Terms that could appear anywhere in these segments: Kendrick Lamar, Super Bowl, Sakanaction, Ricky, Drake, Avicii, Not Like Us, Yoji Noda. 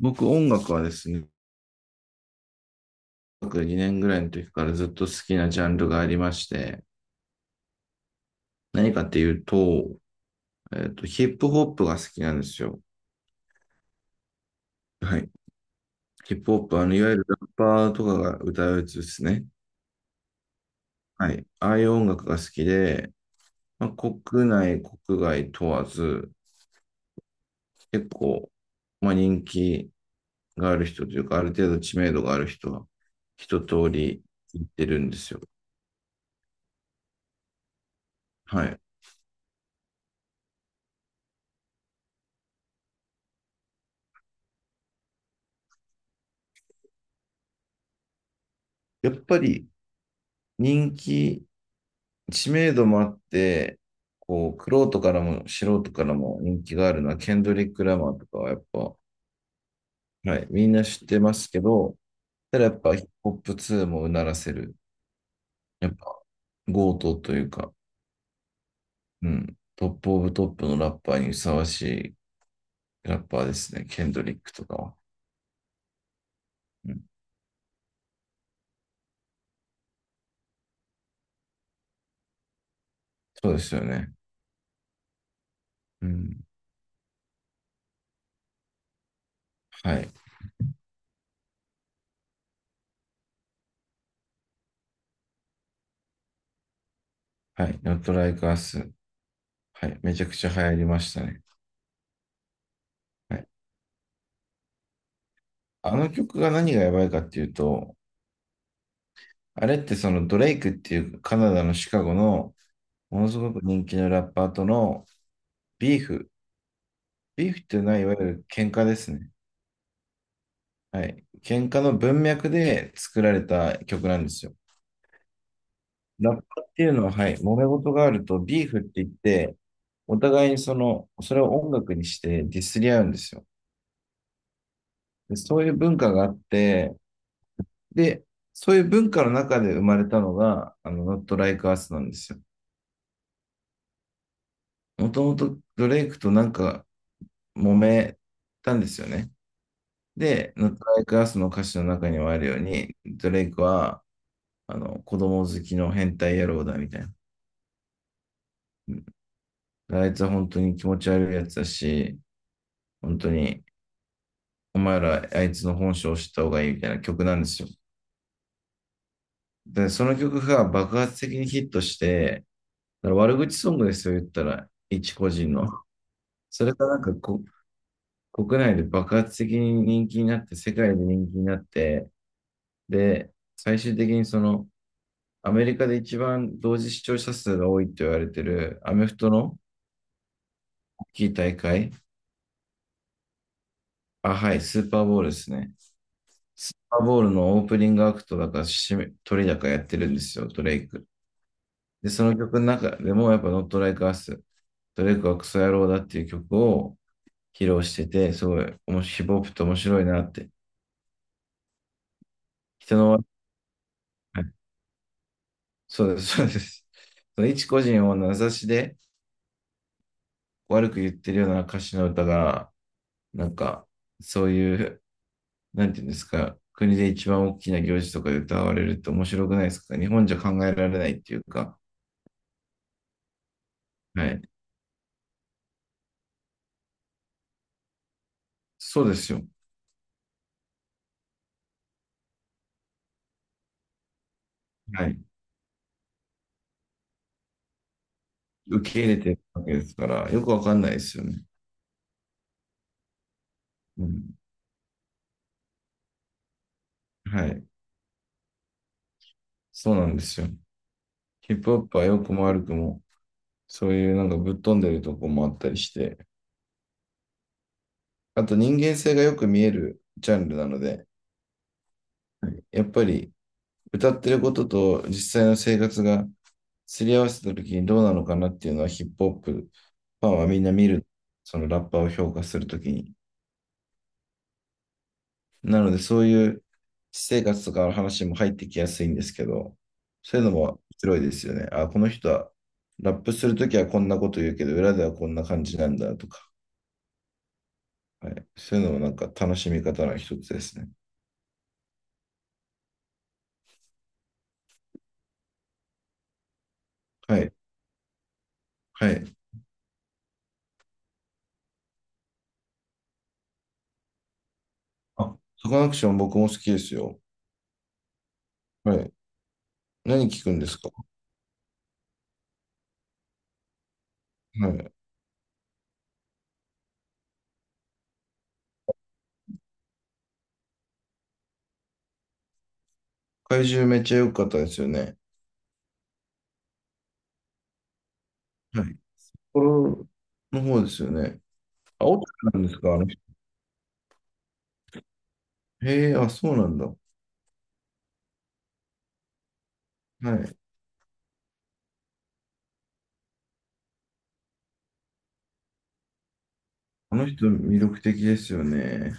僕、音楽はですね、2年ぐらいの時からずっと好きなジャンルがありまして、何かっていうと、ヒップホップが好きなんですよ。はい。ヒップホップ、いわゆるラッパーとかが歌うやつですね。はい。ああいう音楽が好きで、国内、国外問わず、結構、人気がある人というか、ある程度知名度がある人は一通り聞いてるんですよ。はい。やっぱり人気知名度もあって、こう、くろからも素人からも人気があるのは、ケンドリック・ラマーとかはやっぱ、はい、みんな知ってますけど、ただやっぱヒップホップ2もうならせる、やっぱ強盗というか、うん、トップオブトップのラッパーにふさわしいラッパーですね、ケンドリックとかは。うん、そうですよね。うん、はい、はい、Not Like Us。はい、めちゃくちゃ流行りましたね。はい、あの曲が何がやばいかっていうと、あれってそのドレイクっていうカナダのシカゴのものすごく人気のラッパーとのビーフ。ビーフっていうのはいわゆる喧嘩ですね。はい。喧嘩の文脈で作られた曲なんですよ。ラッパーっていうのは、はい、揉め事があるとビーフって言って、お互いにその、それを音楽にしてディスり合うんですよ。で、そういう文化があって、で、そういう文化の中で生まれたのが、Not Like Us なんですよ。もともとドレイクとなんか揉めたんですよね。で、Not Like Us の歌詞の中にもあるように、ドレイクは、子供好きの変態野郎だみたいな。あいつは本当に気持ち悪いやつだし、本当に、お前らあいつの本性を知った方がいいみたいな曲なんですよ。で、その曲が爆発的にヒットして、だから悪口ソングですよ、言ったら、一個人の。それがなんかこ、国内で爆発的に人気になって、世界で人気になって、で、最終的にその、アメリカで一番同時視聴者数が多いと言われているアメフトの大きい大会。あ、はい、スーパーボールですね。スーパーボールのオープニングアクトだから締め、鳥だからやってるんですよ、ドレイク。で、その曲の中でもやっぱ Not Like Us、ドレイクはクソ野郎だっていう曲を披露してて、すごい、ヒップホップって面白いなって。人の悪、はいそうです、そうです。その一個人を名指しで悪く言ってるような歌詞の歌が、なんか、そういうなんていうんですか、国で一番大きな行事とかで歌われるって面白くないですか？日本じゃ考えられないっていうか、はい。そうですよ。はい。受け入れてるわけですから、よくわかんないですよね。うん。はい。そうなんですよ。ヒップホップは良くも悪くも、そういうなんかぶっ飛んでるとこもあったりして、あと人間性がよく見えるジャンルなので、やっぱり歌ってることと実際の生活がすり合わせた時にどうなのかなっていうのはヒップホップファンはみんな見る、そのラッパーを評価するときに。なので、そういう私生活とかの話も入ってきやすいんですけど、そういうのも面白いですよね。あ、この人はラップするときはこんなこと言うけど、裏ではこんな感じなんだとか、はい、そういうのもなんか楽しみ方の一つですね。はい、はい。あ、サカナクション僕も好きですよ。はい。何聞くんですか？はい。怪獣めっちゃ良かったですよね。はい。これの方ですよね。あ、オタクなんですかあの人？へえ、あ、そうなんだ。はい。あの人、魅力的ですよね。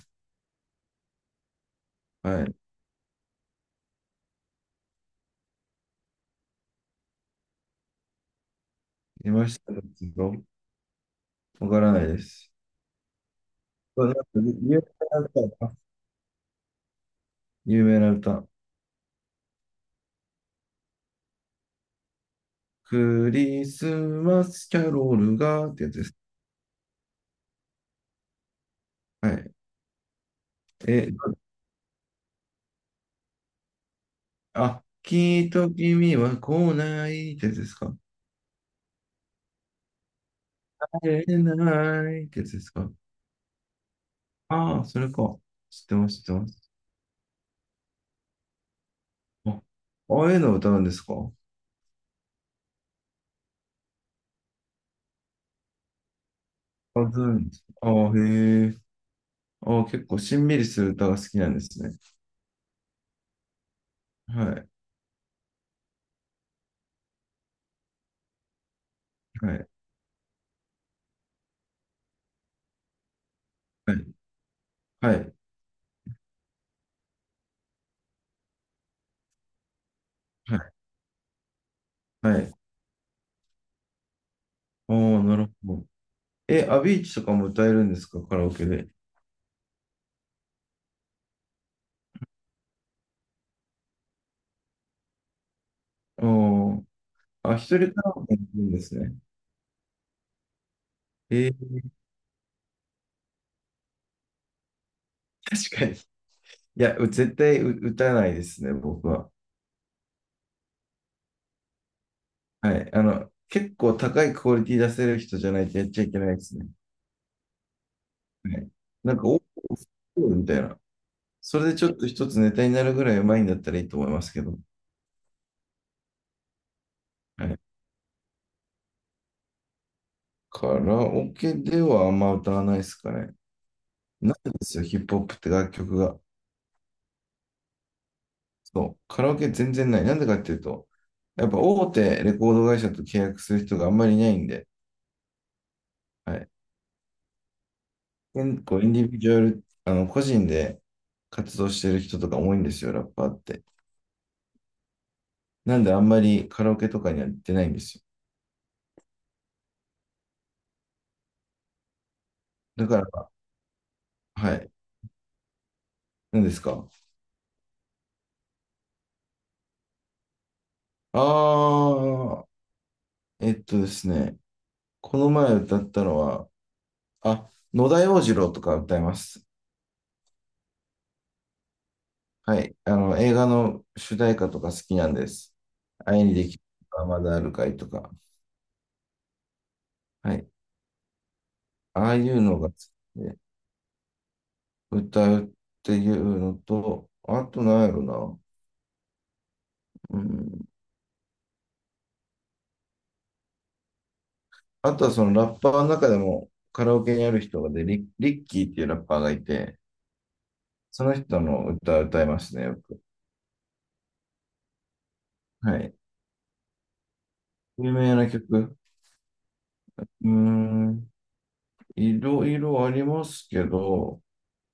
はい。いましたが、わからないです。そうなんか有名な歌か、有名な歌。クリスマスキャロールがってやつです。はい。え、あ、きっと君は来ないってやつですか？会えないってやつですか？ああ、それか。知ってます、知ってます。あ、ああいうのを歌うんですか？あ、ずん。ああ、へえ。ああ、結構しんみりする歌が好きなんですね。はい。はい。はい、はい、はい、はい。おー、なるほど。え、アビーチとかも歌えるんですか、カラオケで？おー、あ、一人カラオケもいいんですね。えー確かに。いや、う絶対う歌えないですね、僕は。はい。結構高いクオリティ出せる人じゃないとやっちゃいけないですね。はい。なんか、お、おみたいな。それでちょっと一つネタになるぐらいうまいんだったらいいと思いますけど。はい。カラオケではあんま歌わないですかね。ないんですよ、ヒップホップって楽曲が。そう、カラオケ全然ない。なんでかっていうと、やっぱ大手レコード会社と契約する人があんまりいないんで、はい。結構インディビジュアル、個人で活動してる人とか多いんですよ、ラッパーって。なんであんまりカラオケとかには行ってないんですよ。だから、はい。何ですか？あー、えっとですね、この前歌ったのは、あ、野田洋次郎とか歌います。はい。映画の主題歌とか好きなんです。愛にできるまだあるかいとか。はい。ああいうのが好きで、歌うっていうのと、あとなんやろな。うん。あとはそのラッパーの中でもカラオケにある人がで、リッキーっていうラッパーがいて、その人の歌歌いますね、よく。はい。有名な曲。うーん。いろいろありますけど、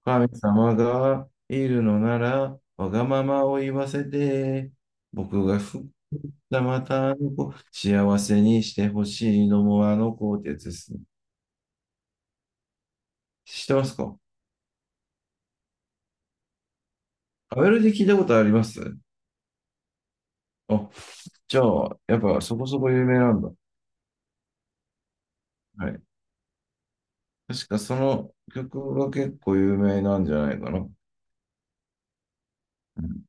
神様がいるのなら、わがままを言わせて、僕が不じゃあまたあの子、幸せにしてほしいのもあの子ってやつですね。知ってますか？アベルで聞いたことあります？あ、じゃあ、やっぱそこそこ有名なんだ。はい。確かその曲が結構有名なんじゃないかな。うん